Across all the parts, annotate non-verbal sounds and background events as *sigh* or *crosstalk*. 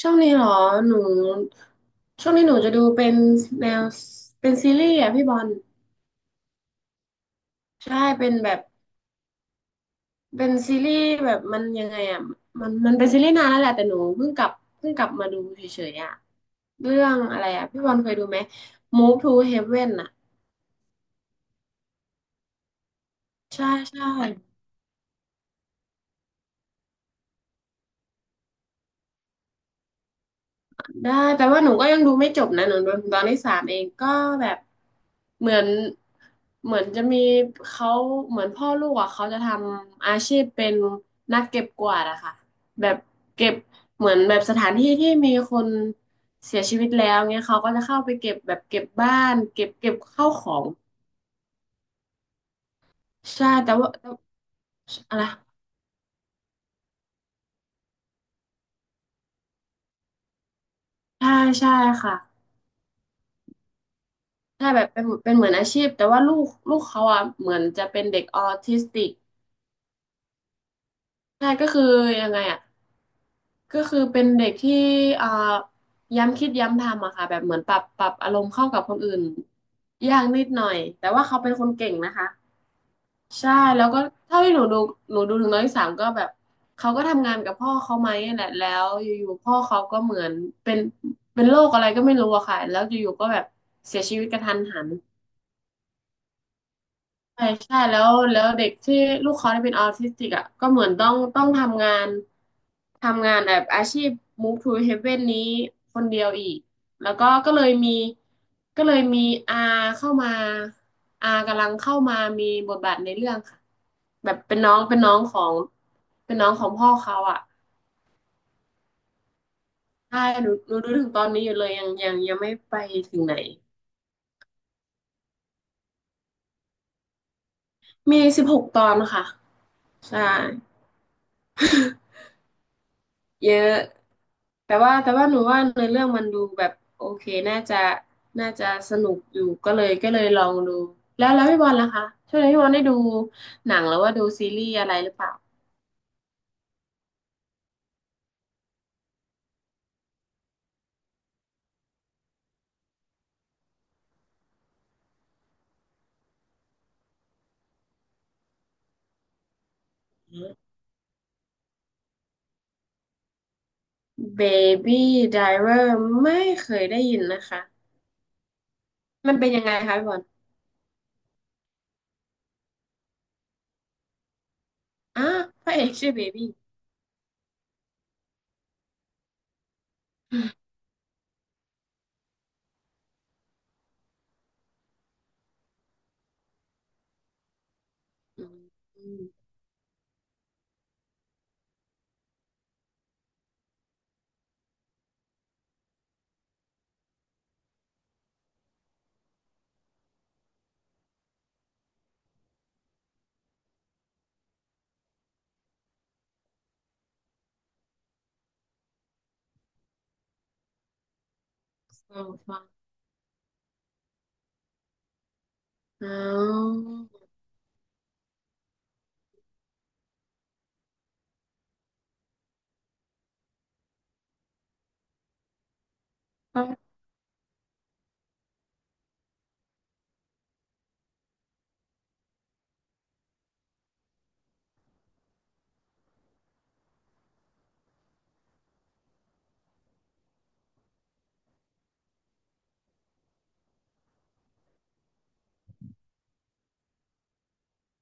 ช่วงนี้เหรอหนูช่วงนี้หนูจะดูเป็นแนวเป็นซีรีส์อ่ะพี่บอลใช่เป็นแบบเป็นซีรีส์แบบมันยังไงอ่ะมันเป็นซีรีส์นานแล้วแหละแต่หนูเพิ่งกลับมาดูเฉยๆอ่ะเรื่องอะไรอ่ะพี่บอลเคยดูไหม Move to Heaven อ่ะใช่ใช่ ได้แปลว่าหนูก็ยังดูไม่จบนะหนูดูถึงตอนที่สามเองก็แบบเหมือนเหมือนจะมีเขาเหมือนพ่อลูกอ่ะเขาจะทำอาชีพเป็นนักเก็บกวาดอะค่ะแบบเก็บเหมือนแบบสถานที่ที่มีคนเสียชีวิตแล้วเงี้ยเขาก็จะเข้าไปเก็บแบบเก็บบ้านเก็บข้าวของใช่แต่ว่าแต่อะไรใช่ใช่ค่ะใช่แบบเป็นเป็นเหมือนอาชีพแต่ว่าลูกเขาอ่ะเหมือนจะเป็นเด็กออทิสติกใช่ก็คือยังไงอ่ะ ก็คือเป็นเด็กที่อ่าย้ำคิดย้ำทำอะค่ะแบบเหมือนปรับอารมณ์เข้ากับคนอื่นยากนิดหน่อยแต่ว่าเขาเป็นคนเก่งนะคะใช่แล้วก็เท่าที่หนูดูหนูดูถึงน้องที่สามก็แบบเขาก็ทำงานกับพ่อเขาไหมนั่นแหละแล้วอยู่ๆพ่อเขาก็เหมือนเป็นเป็นโรคอะไรก็ไม่รู้อะค่ะแล้วอยู่ๆก็แบบเสียชีวิตกระทันหัน ใช่ใช่แล้วแล้วเด็กที่ลูกเขาที่เป็นออทิสติกอ่ะก็เหมือนต้องทำงานทำงานแบบอาชีพ Move to Heaven นี้คนเดียวอีกแล้วก็ก็เลยมีอาเข้ามาอากำลังเข้ามามีบทบาทในเรื่องค่ะแบบเป็นน้องเป็นน้องของเป็นน้องของพ่อเขาอ่ะใช่หนูดูถึงตอนนี้อยู่เลยยังไม่ไปถึงไหนมี16ตอนค่ะใช่เยอะ แต่ว่าหนูว่าเนื้อเรื่องมันดูแบบโอเคน่าจะน่าจะสนุกอยู่ก็เลยลองดูแล้วพี่บอลล่ะคะช่วงนี้พี่บอลได้ดูหนังหรือว่าดูซีรีส์อะไรหรือเปล่า Baby Driver ไม่เคยได้ยินนะคะมันเป็นยังไงคะพี่บอลอ่ะพระเอกชื่อเบบี้อืมอืมฟังฟังอ๋อก็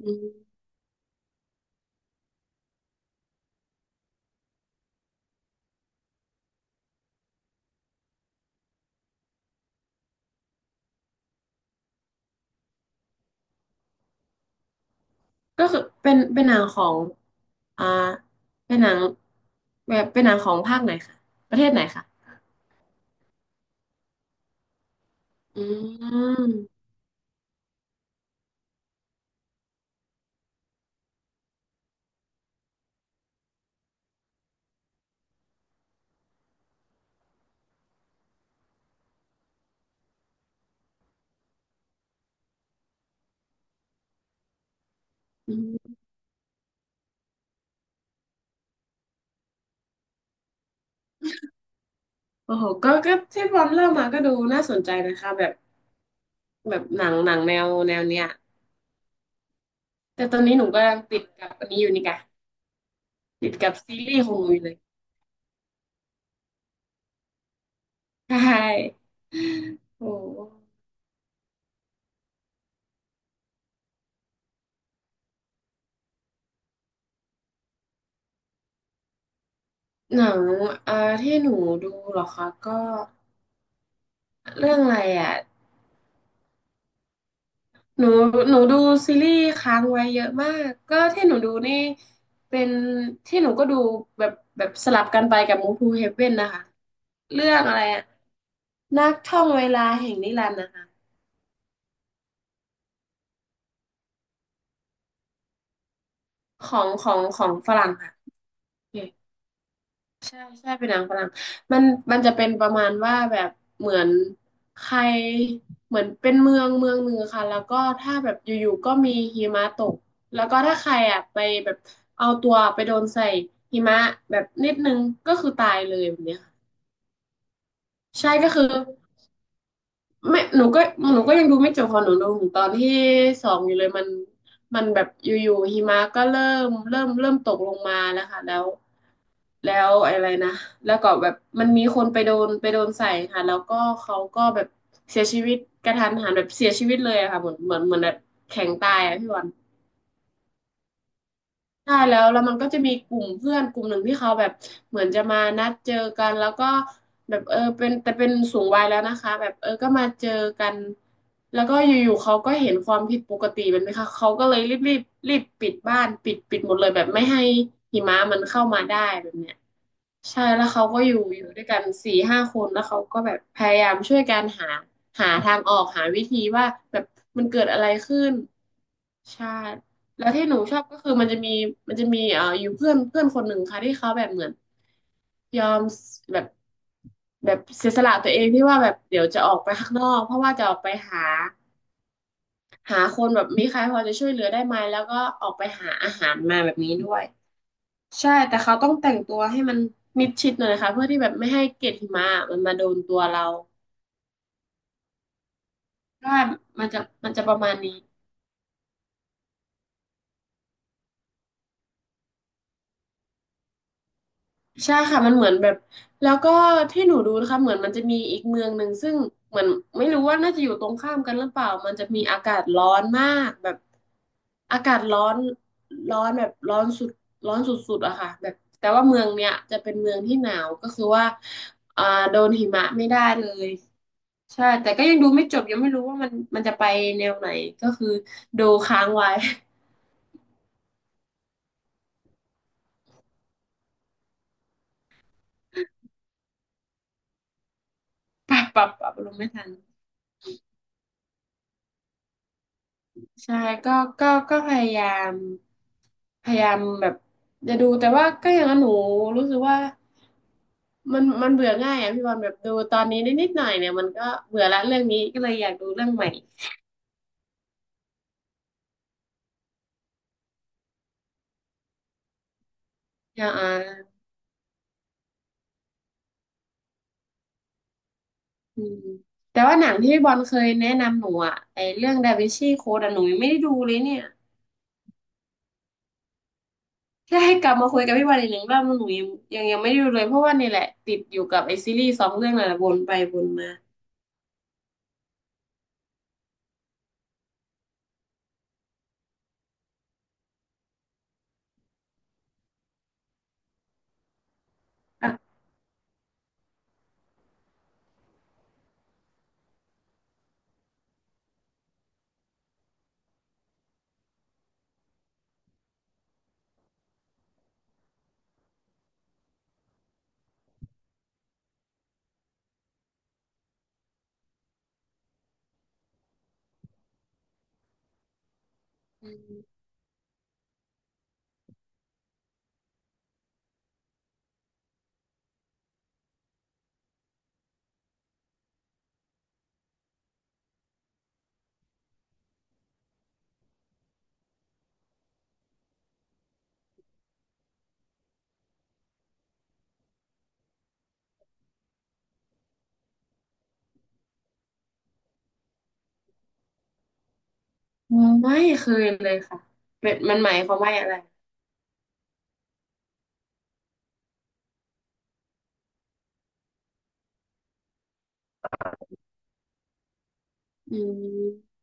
อืมก็คือเป็นเป็นหนังของอ่าเป็นหนังแบบเป็นหนังของภาคไหนคะประเทศไหนคะ อืมอืม โอ้โหก็ก็ที่บอลเล่ามาก็ดูน่าสนใจนะคะแบบแบบหนังหนังแนวแนวเนี้ยแต่ตอนนี้หนูก็ยังติดกับอันนี้อยู่นี่ค่ะติดกับซีรีส์ของหนูอยู่เลยใช่โอ้หนังเอ่อที่หนูดูเหรอคะก็เรื่องอะไรอ่ะหนูหนูดูซีรีส์ค้างไว้เยอะมาก ก็ที่หนูดูนี่ เป็นที่หนูก็ดูแบบแบบสลับกันไปกับมู v ูเฮเว่นนะคะเรื่องอะไรอะ นักท่องเวลาแห่งนิรันดร์นะคะของของของฝรั่งค่ะโอเคใช่ใช่เป็นหนังฝรั่งมันมันจะเป็นประมาณว่าแบบเหมือนใครเหมือนเป็นเมืองหนึ่งค่ะแล้วก็ถ้าแบบอยู่ๆก็มีหิมะตกแล้วก็ถ้าใครอ่ะไปแบบเอาตัวไปโดนใส่หิมะแบบนิดนึงก็คือตายเลยแบบเนี้ยค่ะใช่ก็คือ ไม่หนูก็ยังดูไม่จบพอหนูดูถึงตอนที่สองอยู่เลยมันมันแบบอยู่ๆหิมะก็เริ่มตกลงมาแล้วค่ะแล้ว แล้วอะไรนะแล้วก็แบบมันมีคนไปโดนไปโดนใส่ค่ะ แล้วก็เขาก็แบบเสียชีวิตกระทันหันแบบเสียชีวิตเลยอะค่ะเหมือนเหมือนเหมือนแบบแข็งตายอะพี่วัน ใช่แล้วแล้วมันก็จะมีกลุ่มเพื่อนกลุ่มหนึ่งที่เขาแบบเหมือนจะมานัดเจอกันแล้วก็แบบเออเป็นแต่เป็นสูงวัยแล้วนะคะแบบเออก็มาเจอกันแล้วก็อยู่ๆเขาก็เห็นความผิดปกติแบบนไห้ค่ะเขาก็เลยรีบปิดบ้านปิดหมดเลยแบบไม่ให้หิมะมันเข้ามาได้แบบเนี้ยใช่แล้วเขาก็อยู่อยู่ด้วยกัน4-5คนแล้วเขาก็แบบพยายามช่วยกันหาหาทางออกหาวิธีว่าแบบมันเกิดอะไรขึ้น ใช่แล้วที่หนูชอบก็คือมันจะมีอยู่เพื่อนเพื่อนคนหนึ่งค่ะที่เขาแบบเหมือนยอมแบบแบบเสียสละตัวเองที่ว่าแบบเดี๋ยวจะออกไปข้างนอกเพราะว่าจะออกไปหาหาคนแบบมีใครพอจะช่วยเหลือได้ไหมแล้วก็ออกไปหาอาหารมาแบบนี้ด้วยใช่แต่เขาต้องแต่งตัวให้มันมิดชิดหน่อยนะคะเพื่อที่แบบไม่ให้เกล็ดหิมะมันมาโดนตัวเราใช่มันจะมันจะประมาณนี้ ใช่ค่ะมันเหมือนแบบแล้วก็ที่หนูดูนะคะเหมือนมันจะมีอีกเมืองหนึ่งซึ่งเหมือนไม่รู้ว่าน่าจะอยู่ตรงข้ามกันหรือเปล่ามันจะมีอากาศร้อนมากแบบอากาศร้อนร้อนแบบร้อนสุดร้อนสุดๆอะค่ะแบบแต่ว่าเมืองเนี้ยจะเป็นเมืองที่หนาวก็คือว่าอ่าโดนหิมะไม่ได้เลยใช่แต่ก็ยังดูไม่จบยังไม่รู้ว่ามันมันจะไปแนวไหนก็คือดูค้างไว้ *laughs* ปรับอารมณ์ไม่ทัน ใช่ก็ก็พยายามแบบจะดูแต่ว่าก็อย่างนั้นหนูรู้สึกว่ามันเบื่อง่ายอ่ะพี่บอลแบบดูตอนนี้นิดนิดหน่อยเนี่ยมันก็เบื่อละเรื่องนี้ก็เลยอยากดูเรื่องใหม่อ่าอ่าอืมแต่ว่าหนังที่พี่บอลเคยแนะนำหนูอ่ะไอเรื่องดาวินชีโค้ดอ่ะหนูยังไม่ได้ดูเลยเนี่ยแค่ให้กลับมาคุยกับพี่บอลอีกหนึ่งรอบหนูยังไม่ได้ดูเลยเพราะว่านี่แหละติดอยู่กับไอซีรีส์สองเรื่องนั่นแหละวนไปวนมาอ่ะ อ๋อไม่เคยเลยค่ะเป็นมันหมายความว่าอะไรอืม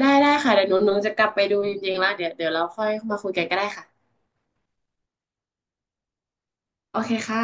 ได้ได้ค่ะเดี๋ยวหนูจะกลับไปดูจริงๆแล้วเดี๋ยวเดี๋ยวเราค่อยมาคุยกันก็ได้ค่ะโอเคค่ะ